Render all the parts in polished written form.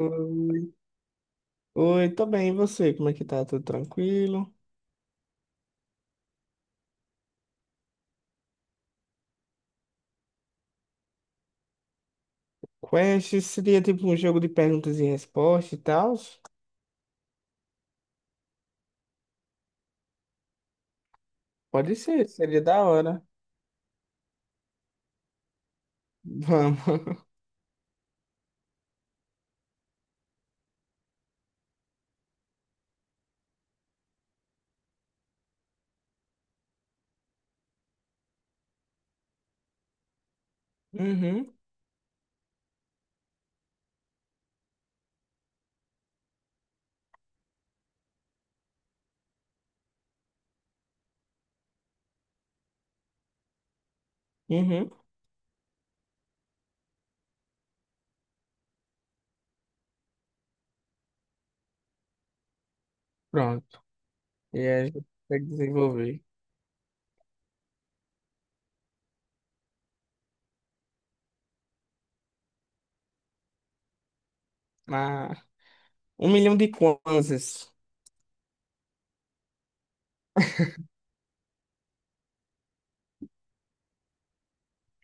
Oi, oi, tô bem, e você? Como é que tá? Tudo tranquilo? Quest seria tipo um jogo de perguntas e respostas e tal? Pode ser, seria da hora. Vamos. Uhum, uhum. Pronto. E aí a gente consegue desenvolver. Ah, um milhão de kwanzas.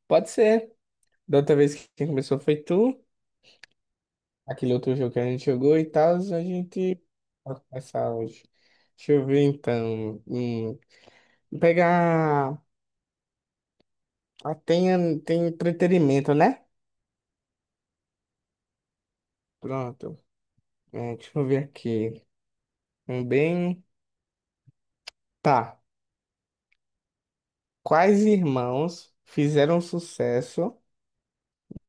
Pode ser. Da outra vez que quem começou foi tu. Aquele outro jogo que a gente jogou e tal, a gente vai começar hoje. Deixa eu ver então. Pegar. Ah, tem entretenimento, né? Pronto. É, deixa eu ver aqui. Bem, tá. Quais irmãos fizeram sucesso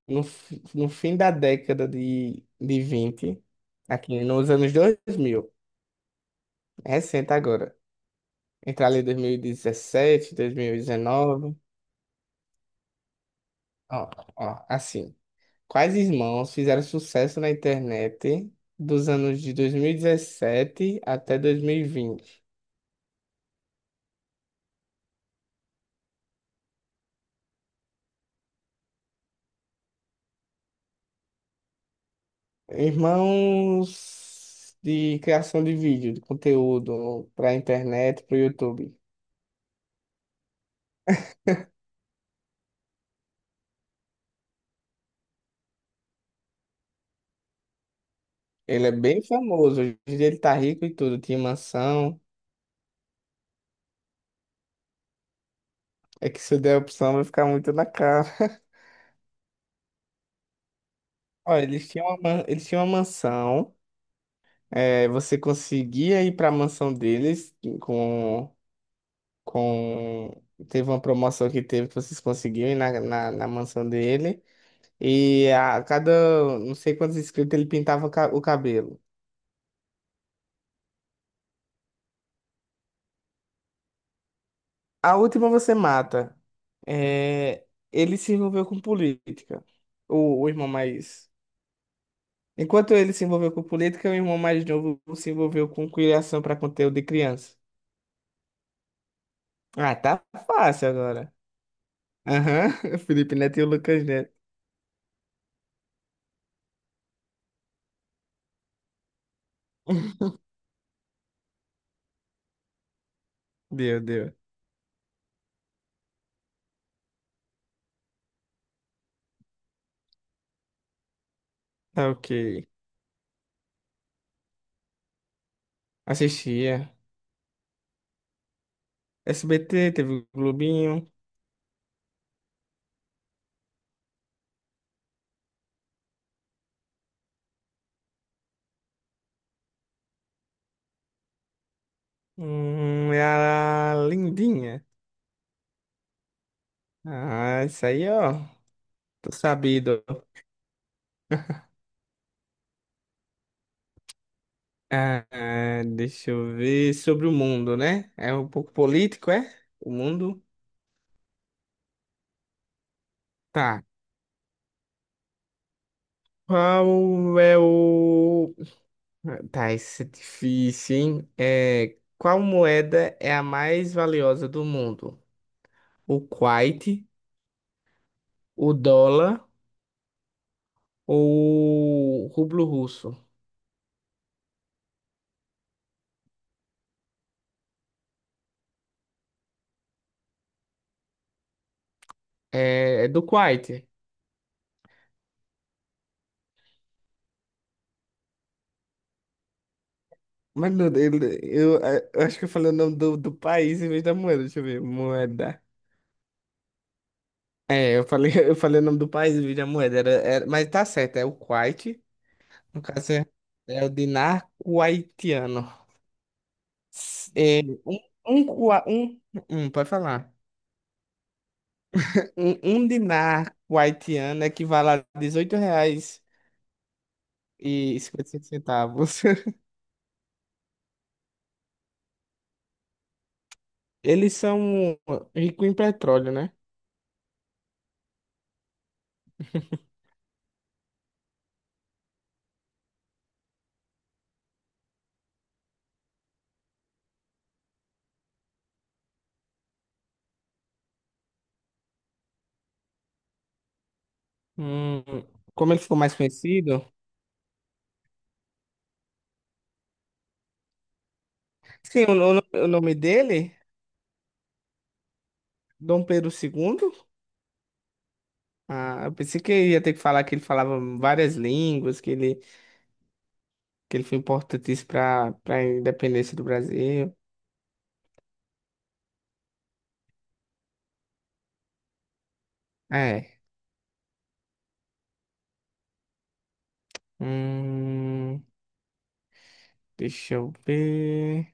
no fim da década de vinte, aqui nos anos 2000? Recente agora. Entre ali dois mil e dezessete, dois mil e 2019. Ó, ó, assim. Quais irmãos fizeram sucesso na internet dos anos de 2017 até 2020? Irmãos de criação de vídeo, de conteúdo para internet, para o YouTube. Ele é bem famoso, hoje em dia ele tá rico e tudo, tinha mansão. É que se eu der a opção vai ficar muito na cara. Olha, eles tinham uma mansão. É, você conseguia ir para a mansão deles com. Teve uma promoção que teve que vocês conseguiam ir na mansão dele. E a cada não sei quantos inscritos ele pintava o cabelo. A última você mata. É, ele se envolveu com política. O irmão mais. Enquanto ele se envolveu com política, o irmão mais novo se envolveu com criação para conteúdo de criança. Ah, tá fácil agora. Aham. Felipe Neto e o Lucas Neto. Deu, deu. Tá ok. Assistia. SBT, teve o Globinho. Era lindinha. Ah, isso aí, ó. Tô sabido. Ah, deixa eu ver sobre o mundo, né? É um pouco político, é? O mundo? Tá. Qual é o. Tá, esse é difícil, hein? É, qual moeda é a mais valiosa do mundo? O Kuwait, o dólar ou o rublo russo? É do Kuwait. Mas, meu Deus, eu, eu acho que eu falei o nome do país em vez da moeda. Deixa eu ver. Moeda. É, eu falei, eu falei o nome do país, do vídeo da moeda, mas tá certo, é o Kuwait, no caso é o dinar kuwaitiano. S- É, um, um, kua- um, pode falar. Um dinar kuwaitiano equivale a 18 reais e 56 centavos. Eles são ricos em petróleo, né? Hum, como ele ficou mais conhecido? Sim, o, no- o nome dele, Dom Pedro II. Ah, eu pensei que ia ter que falar que ele falava várias línguas, que ele foi importantíssimo para a independência do Brasil. É. Hum, deixa eu ver.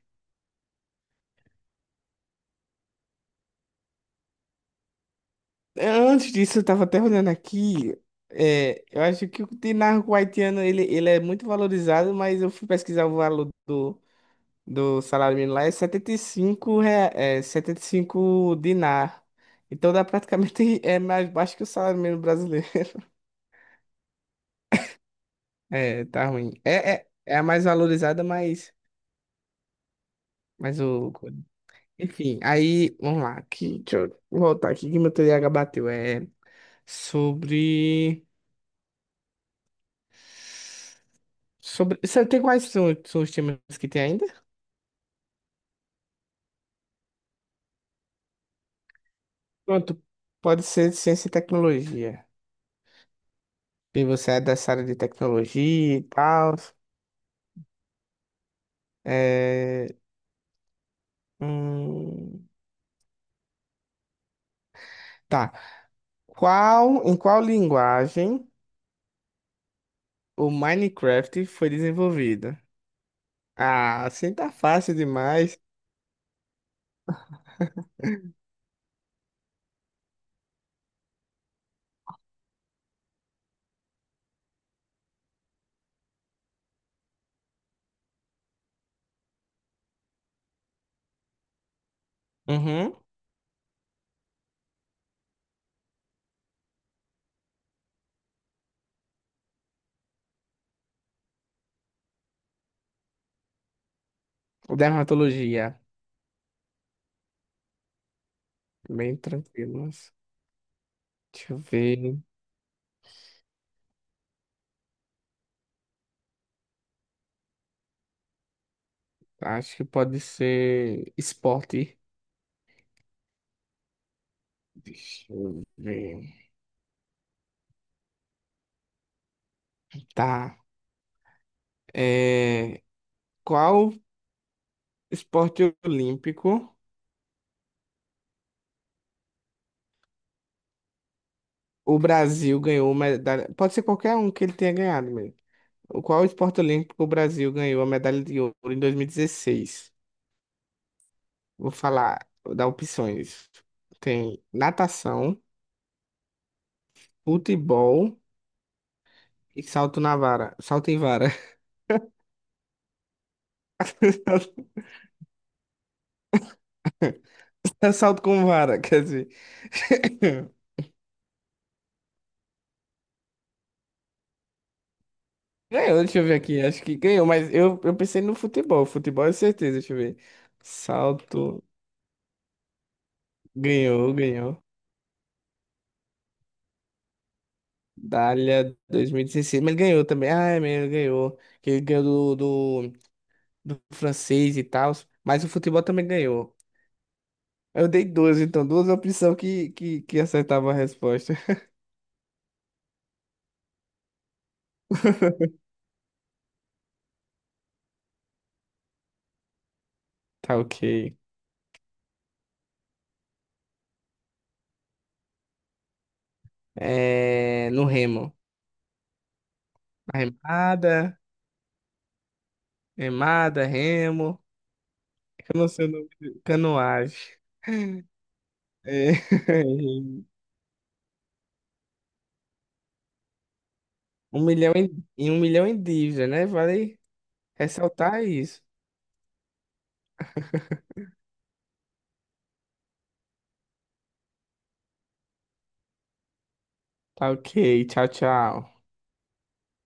Antes disso, eu tava até olhando aqui. É, eu acho que o dinarco haitiano ele é muito valorizado, mas eu fui pesquisar o valor do salário mínimo lá, é 75 dinar. Então dá praticamente é mais baixo que o salário mínimo brasileiro. É, tá ruim. É a mais valorizada, mas o. Enfim, aí, vamos lá. Aqui, deixa eu voltar aqui que meu TDAH bateu. É sobre. Sobre. Você tem quais são, os temas que tem ainda? Pronto, pode ser de ciência e tecnologia. E você é dessa área de tecnologia e tal. É... hum, Tá. Em qual linguagem o Minecraft foi desenvolvido? Ah, assim tá fácil demais. Uhum. Dermatologia. Bem tranquilo, mas. Deixa eu ver. Acho que pode ser esporte. Deixa eu ver. Tá. É... Qual esporte olímpico o Brasil ganhou medalha? Pode ser qualquer um que ele tenha ganhado mesmo. O Qual esporte olímpico o Brasil ganhou a medalha de ouro em 2016? Vou falar, vou dar opções. Tem natação, futebol. E salto na vara. Salto em vara. Salto com vara, quer dizer. Ganhou, deixa eu ver aqui. Acho que ganhou, mas eu pensei no futebol. Futebol é certeza, deixa eu ver. Salto. Ganhou, ganhou. Dália 2016. Mas ele ganhou também. Ah, é mesmo, ele ganhou. Que ele ganhou do francês e tal. Mas o futebol também ganhou. Eu dei duas, então, duas opções que acertavam a resposta. Tá ok. É, no remo. Arremada. Remada, remo. Eu não sei o nome. Canoagem. É, Um milhão em um milhão em dívida, né? Vale ressaltar isso. Tá ok. Tchau, tchau.